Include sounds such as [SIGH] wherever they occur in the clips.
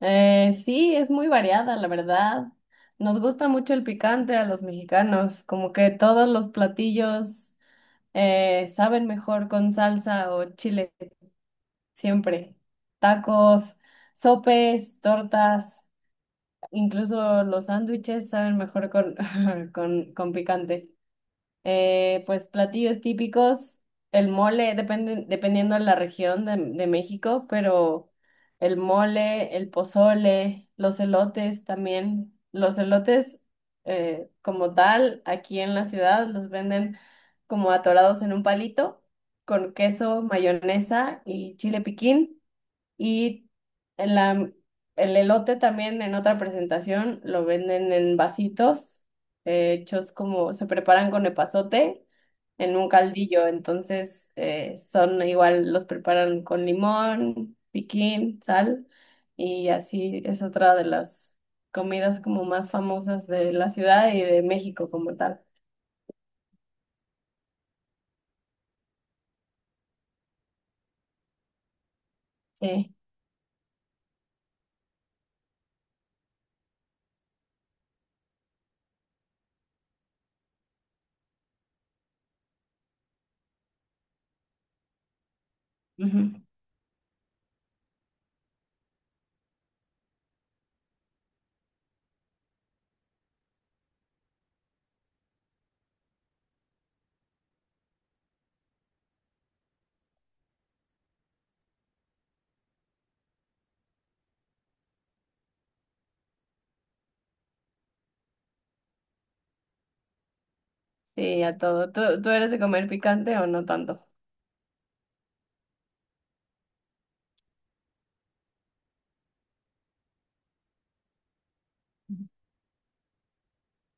Sí, es muy variada, la verdad. Nos gusta mucho el picante a los mexicanos, como que todos los platillos saben mejor con salsa o chile, siempre. Tacos, sopes, tortas, incluso los sándwiches saben mejor [LAUGHS] con picante. Pues platillos típicos, el mole, depende, dependiendo de la región de México, pero el mole, el pozole, los elotes también. Los elotes, como tal, aquí en la ciudad los venden como atorados en un palito con queso, mayonesa y chile piquín. Y en la, el elote también en otra presentación lo venden en vasitos, hechos como se preparan con epazote en un caldillo. Entonces son igual, los preparan con limón, piquín, sal y así es otra de las comidas como más famosas de la ciudad y de México como tal. Sí, ujú. Sí, a todo. Tú eres de comer picante o no tanto?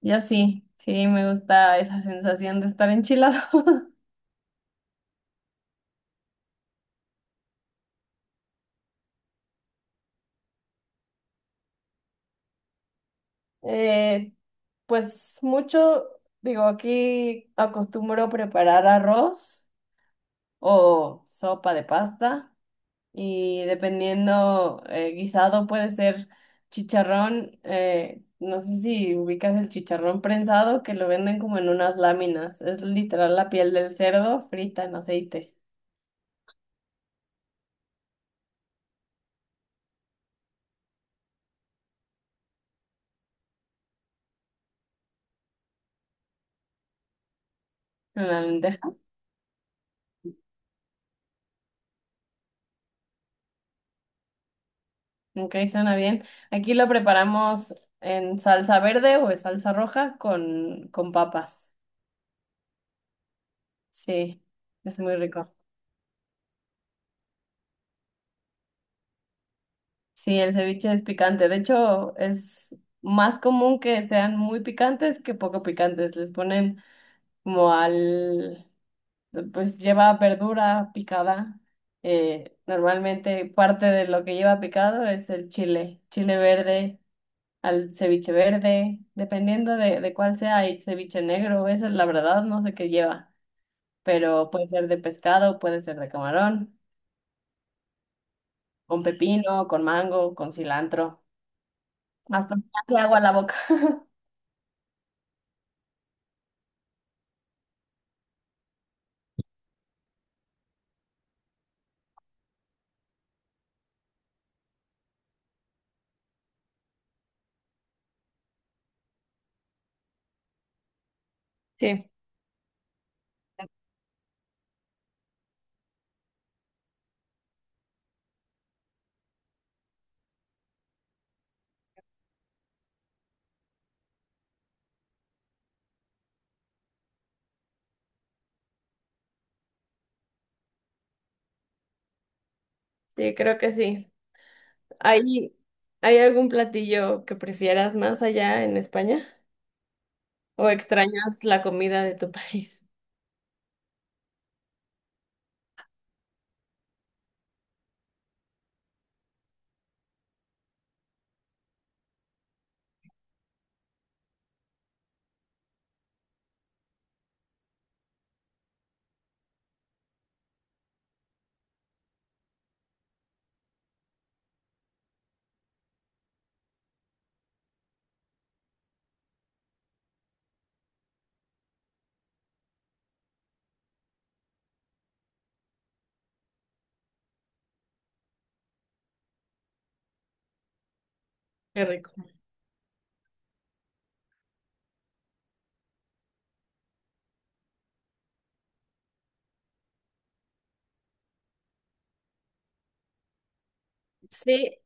Yo sí, sí, me gusta esa sensación de estar enchilado. [LAUGHS] Eh, pues mucho, digo, aquí acostumbro preparar arroz o sopa de pasta y dependiendo, guisado puede ser chicharrón, no sé si ubicas el chicharrón prensado que lo venden como en unas láminas, es literal la piel del cerdo frita en aceite, en la lenteja. Ok, suena bien. Aquí lo preparamos en salsa verde o en salsa roja con papas. Sí, es muy rico. Sí, el ceviche es picante. De hecho, es más común que sean muy picantes que poco picantes. Les ponen como al, pues lleva verdura picada. Normalmente parte de lo que lleva picado es el chile, chile verde al ceviche verde, dependiendo de cuál sea, hay ceviche negro, esa es la verdad, no sé qué lleva, pero puede ser de pescado, puede ser de camarón, con pepino, con mango, con cilantro, hasta me hace agua la boca. Sí, sí, creo que sí. ¿Hay, hay algún platillo que prefieras más allá en España? ¿O extrañas la comida de tu [LAUGHS] país? Qué rico. Sí,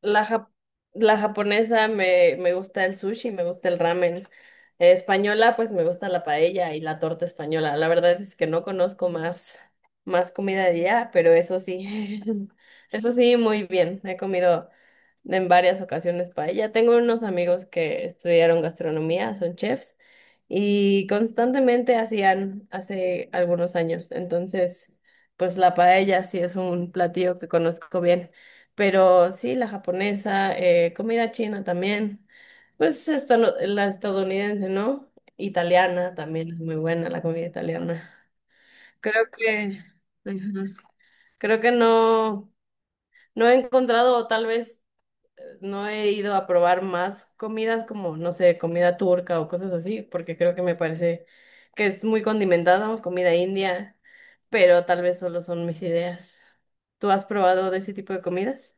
La, jap- la japonesa me gusta el sushi, me gusta el ramen. Española, pues me gusta la paella y la torta española. La verdad es que no más comida de allá, pero eso sí, [LAUGHS] eso sí, muy bien. He comido en varias ocasiones paella. Tengo unos amigos que estudiaron gastronomía, son chefs, y constantemente hacían hace algunos años. Entonces, pues la paella sí es un platillo que conozco bien. Pero sí, la japonesa, comida china también. Pues esta, la estadounidense, ¿no? Italiana también es muy buena la comida italiana. Creo que, ujú, creo que no, no he encontrado, o tal vez no he ido a probar más comidas como, no sé, comida turca o cosas así, porque creo que me parece que es muy condimentada, o comida india, pero tal vez solo son mis ideas. ¿Tú has probado de ese tipo de comidas?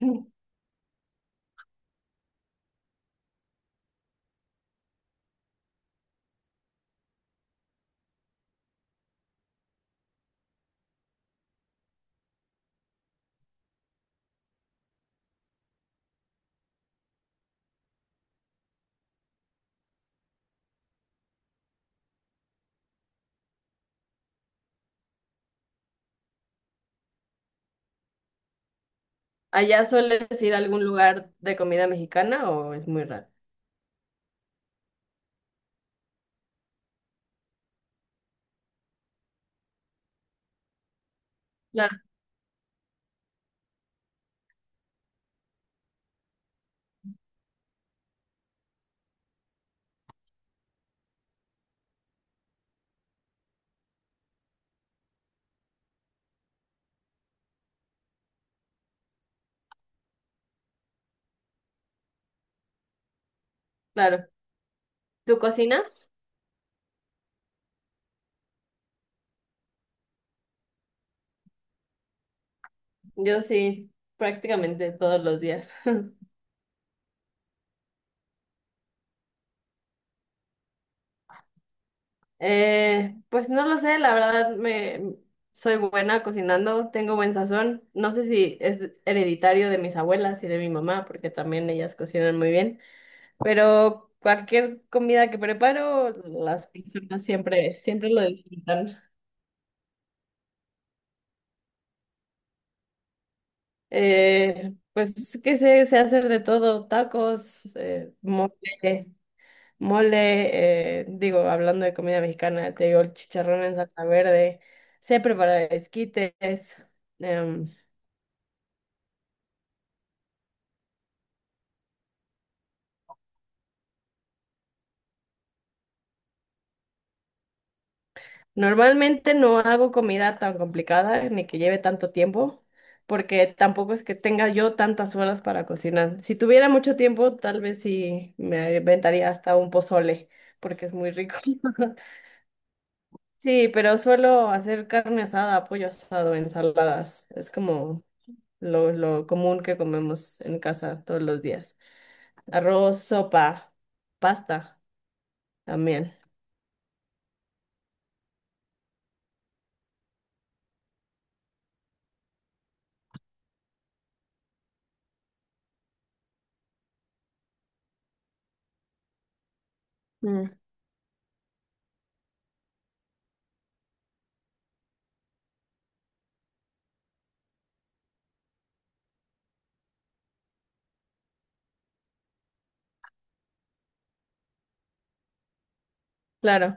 [LAUGHS] ¿Allá sueles ir a algún lugar de comida mexicana o es muy raro? Claro, claro. ¿Tú cocinas? Yo sí, prácticamente todos los días. [LAUGHS] Pues no lo sé, la verdad me soy buena cocinando, tengo buen sazón. No sé si es hereditario de mis abuelas y de mi mamá, porque también ellas cocinan muy bien, pero cualquier comida que preparo, las personas siempre, siempre lo disfrutan. Pues que sé, sé hacer de todo, tacos, mole, digo, hablando de comida mexicana, te digo, el chicharrón en salsa verde, sé preparar esquites. em, Normalmente no hago comida tan complicada ni que lleve tanto tiempo, porque tampoco es que tenga yo tantas horas para cocinar. Si tuviera mucho tiempo, tal vez sí me inventaría hasta un pozole, porque es muy rico. [LAUGHS] Sí, pero suelo hacer carne asada, pollo asado, ensaladas. Es como lo común que comemos en casa todos los días. Arroz, sopa, pasta también. Mm, claro.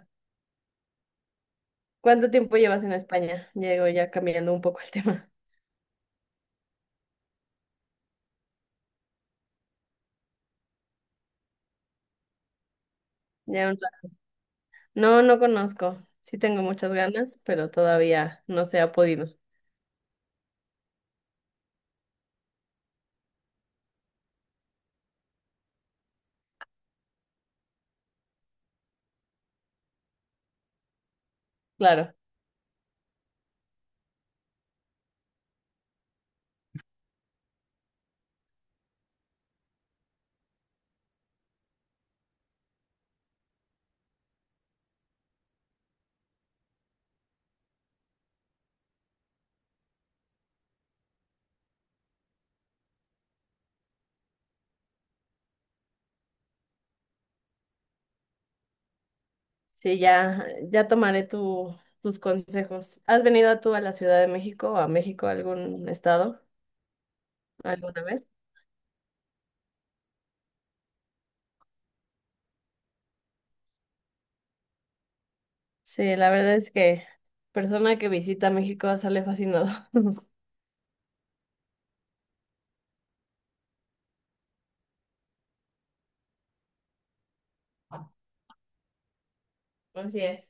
¿Cuánto tiempo llevas en España? Llego ya cambiando un poco el tema. [LAUGHS] Ya un ra- No, no conozco. Sí tengo muchas ganas, pero todavía no se ha podido. Claro. Sí, ya, ya tomaré tu, tus consejos. ¿Has venido tú a la Ciudad de México o a México, a algún estado, alguna vez? Sí, la verdad es que persona que visita México sale fascinado. [LAUGHS] Así es.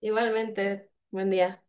Igualmente, buen día.